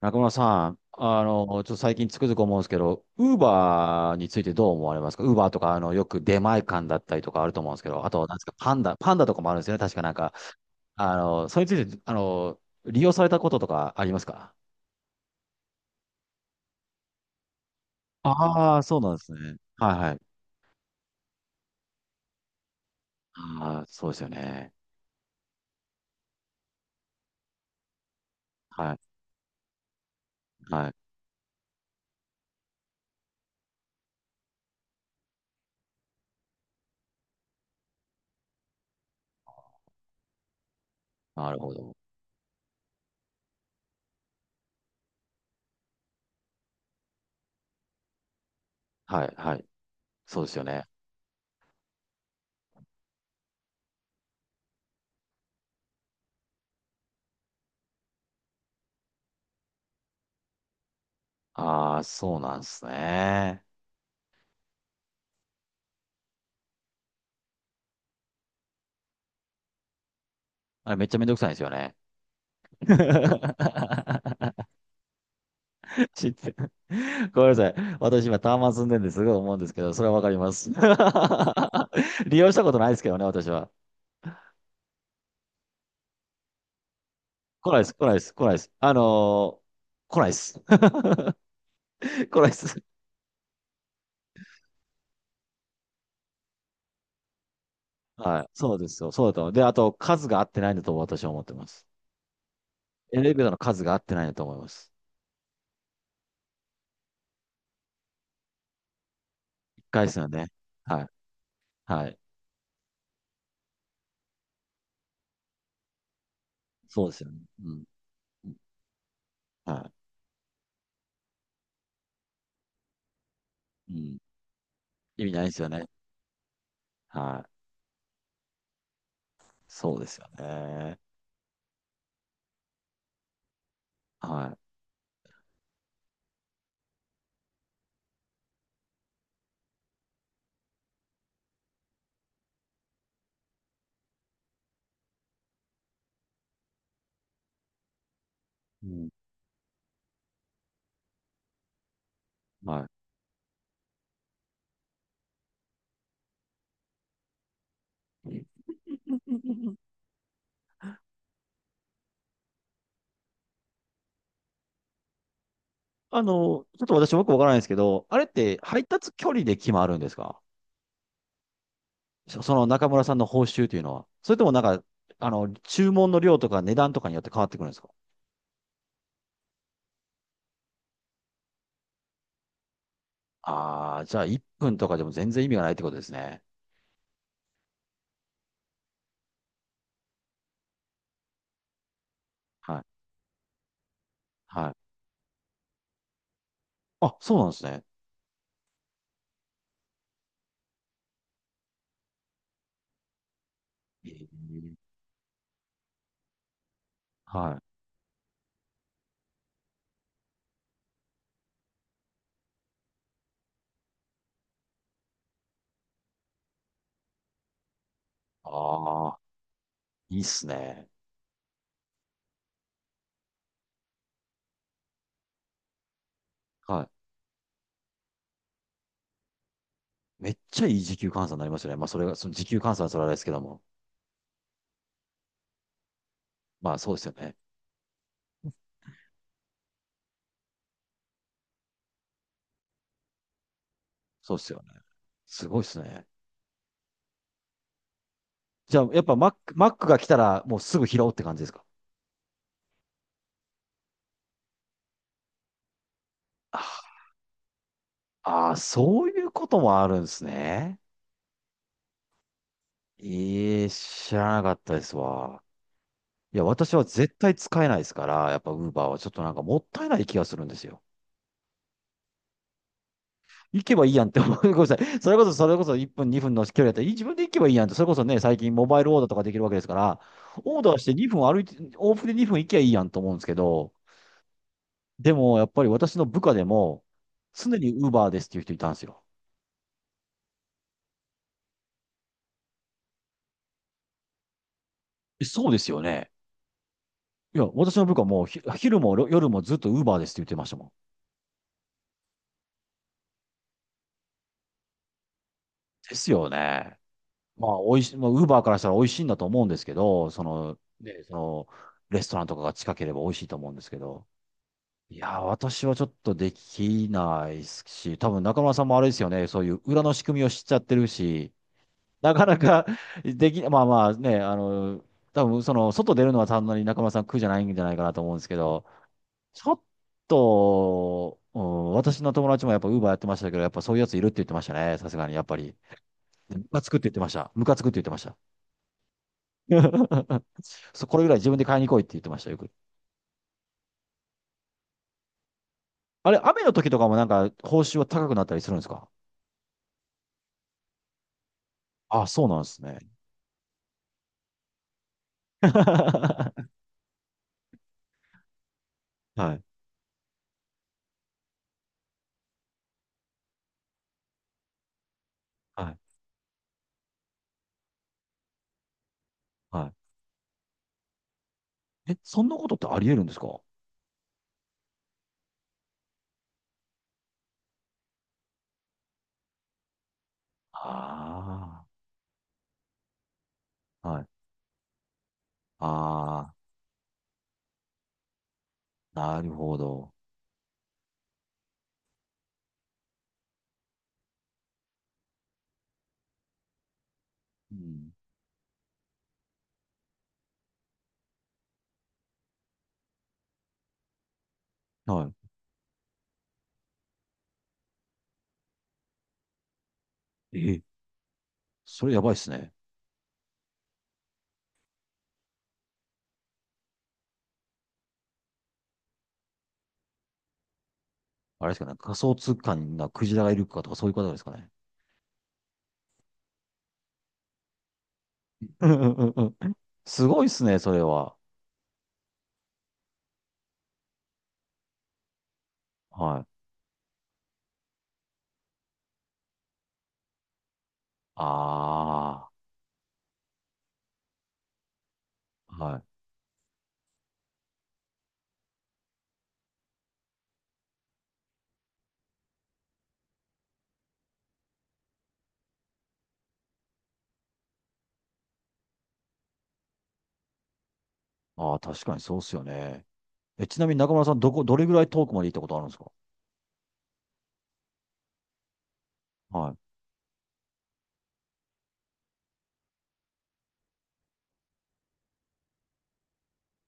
中村さん、ちょっと最近つくづく思うんですけど、ウーバーについてどう思われますか？ウーバーとか、よく出前館だったりとかあると思うんですけど、あと、なんですか、パンダとかもあるんですよね。確かなんか、それについて、利用されたこととかありますか？ああー、そうなんですね。はいはい。ああ、そうですよね。はい、はい。なるほど。はい、はい。そうですよね。ああ、そうなんですね。あれ、めっちゃめんどくさいんですよね。知って。ごめんなさい。私今タワマン住んでるんですごい思うんですけど、それはわかります。利用したことないですけどね、私は。来ないです。来ないです。来ないです。はい。そうですよ。そうだと思う。で、あと、数が合ってないんだと私は思ってます。エレベーターの数が合ってないんだと思います。一回ですよね。はい。はい。そうですよね。うん。うん。はい。うん。意味ないですよね。はい。そうですよね。はい。うん。はい。ちょっと私もよくわからないんですけど、あれって配達距離で決まるんですか？の中村さんの報酬というのは。それともなんか、注文の量とか値段とかによって変わってくるんですか？ああー、じゃあ1分とかでも全然意味がないってことですね。はい。はい。あ、そうなんですね。ええ、はい。ああ、いいっすね。はい。めっちゃいい時給換算になりますよね。まあ、それが、その時給換算はそれはあれですけども。まあ、そうですよね。そうですよね。すごいっすね。じゃあ、やっぱマックが来たらもうすぐ拾うって感じですか？ああー、そういうこともあるんですね。ええ、知らなかったですわ。いや、私は絶対使えないですから、やっぱウーバーはちょっとなんかもったいない気がするんですよ。行けばいいやんって思う。ごめんなさい。それこそ、それこそ1分、2分の距離だったら、自分で行けばいいやんって、それこそね、最近モバイルオーダーとかできるわけですから、オーダーして2分歩いて、往復で2分行けばいいやんと思うんですけど、でもやっぱり私の部下でも、常にウーバーですっていう人いたんですよ。え、そうですよね。いや、私の部下もひ、昼も夜もずっとウーバーですって言ってましたもん。ですよね。まあ、美味しい、まあ、ウーバーからしたら美味しいんだと思うんですけど、その、ね、その、レストランとかが近ければ美味しいと思うんですけど、いやー、私はちょっとできないですし、多分中村さんもあれですよね、そういう裏の仕組みを知っちゃってるし、なかなか まあまあね、多分その、外出るのはそんなに中村さん苦じゃないんじゃないかなと思うんですけど、ちょっと、うん、私の友達もやっぱウーバーやってましたけど、やっぱそういうやついるって言ってましたね、さすがにやっぱり。ムカつくって言ってました。ムカつくって言ってました。そうこれぐらい自分で買いに来いって言ってました、よく。あれ、雨の時とかもなんか報酬は高くなったりするんですか？あ、そうなんですね。はい、はい、はい。え、そんなことってあり得るんですか？ああー、はい。ああ、なるほど。うん、はい。え、それやばいっすね。あれですかね、仮想通貨になクジラがいるかとかそういうことですかね。うんうんうんうん。すごいっすね、それは。はい。ああ、はい。ああ、確かにそうっすよね。え、ちなみに中村さん、どこ、どれぐらい遠くまで行ったことあるんですか？はい。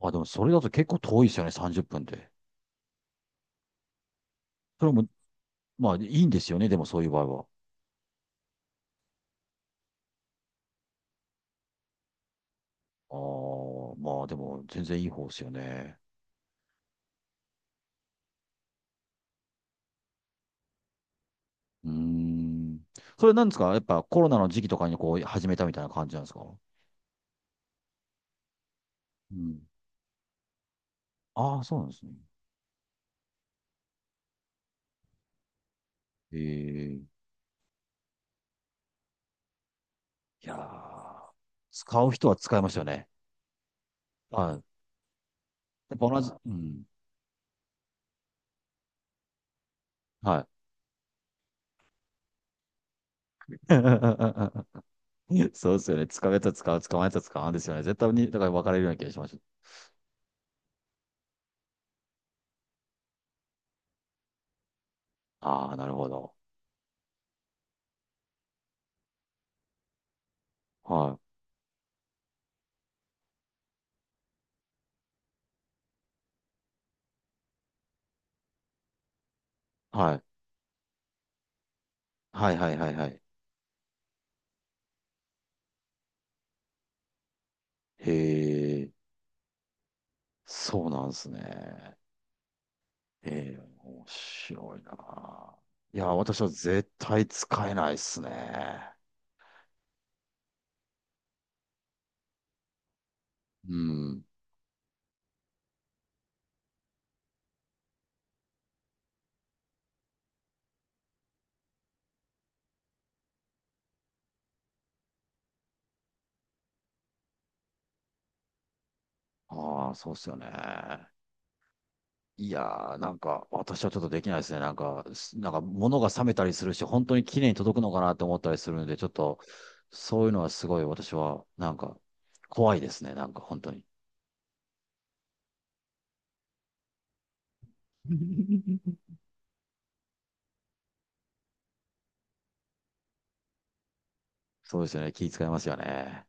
あ、でもそれだと結構遠いですよね、30分で。それも、まあいいんですよね、でもそういう場合は。ああ、まあでも全然いい方ですよね。うーん。それなんですかやっぱコロナの時期とかにこう始めたみたいな感じなんですか？うん。ああ、そうなんですね。ええ、いやー、使う人は使いますよね。はい。やっぱ同じ、うん。はい。そうですよね。使うやつは使う、使わないやつは使わんですよね。絶対に、だから分かれるような気がしました。ああ、なるほど。はい。はい。はいはいはいはい。へえ、そうなんですね。ええ、面白いな。いや、私は絶対使えないっすね。うん。ああ、そうっすよね。いやー、なんか、私はちょっとできないですね。なんか、なんか、物が冷めたりするし、本当に綺麗に届くのかなって思ったりするので、ちょっと、そういうのはすごい私は、なんか、怖いですね。なんか、本当に。そうですよね。気遣いますよね。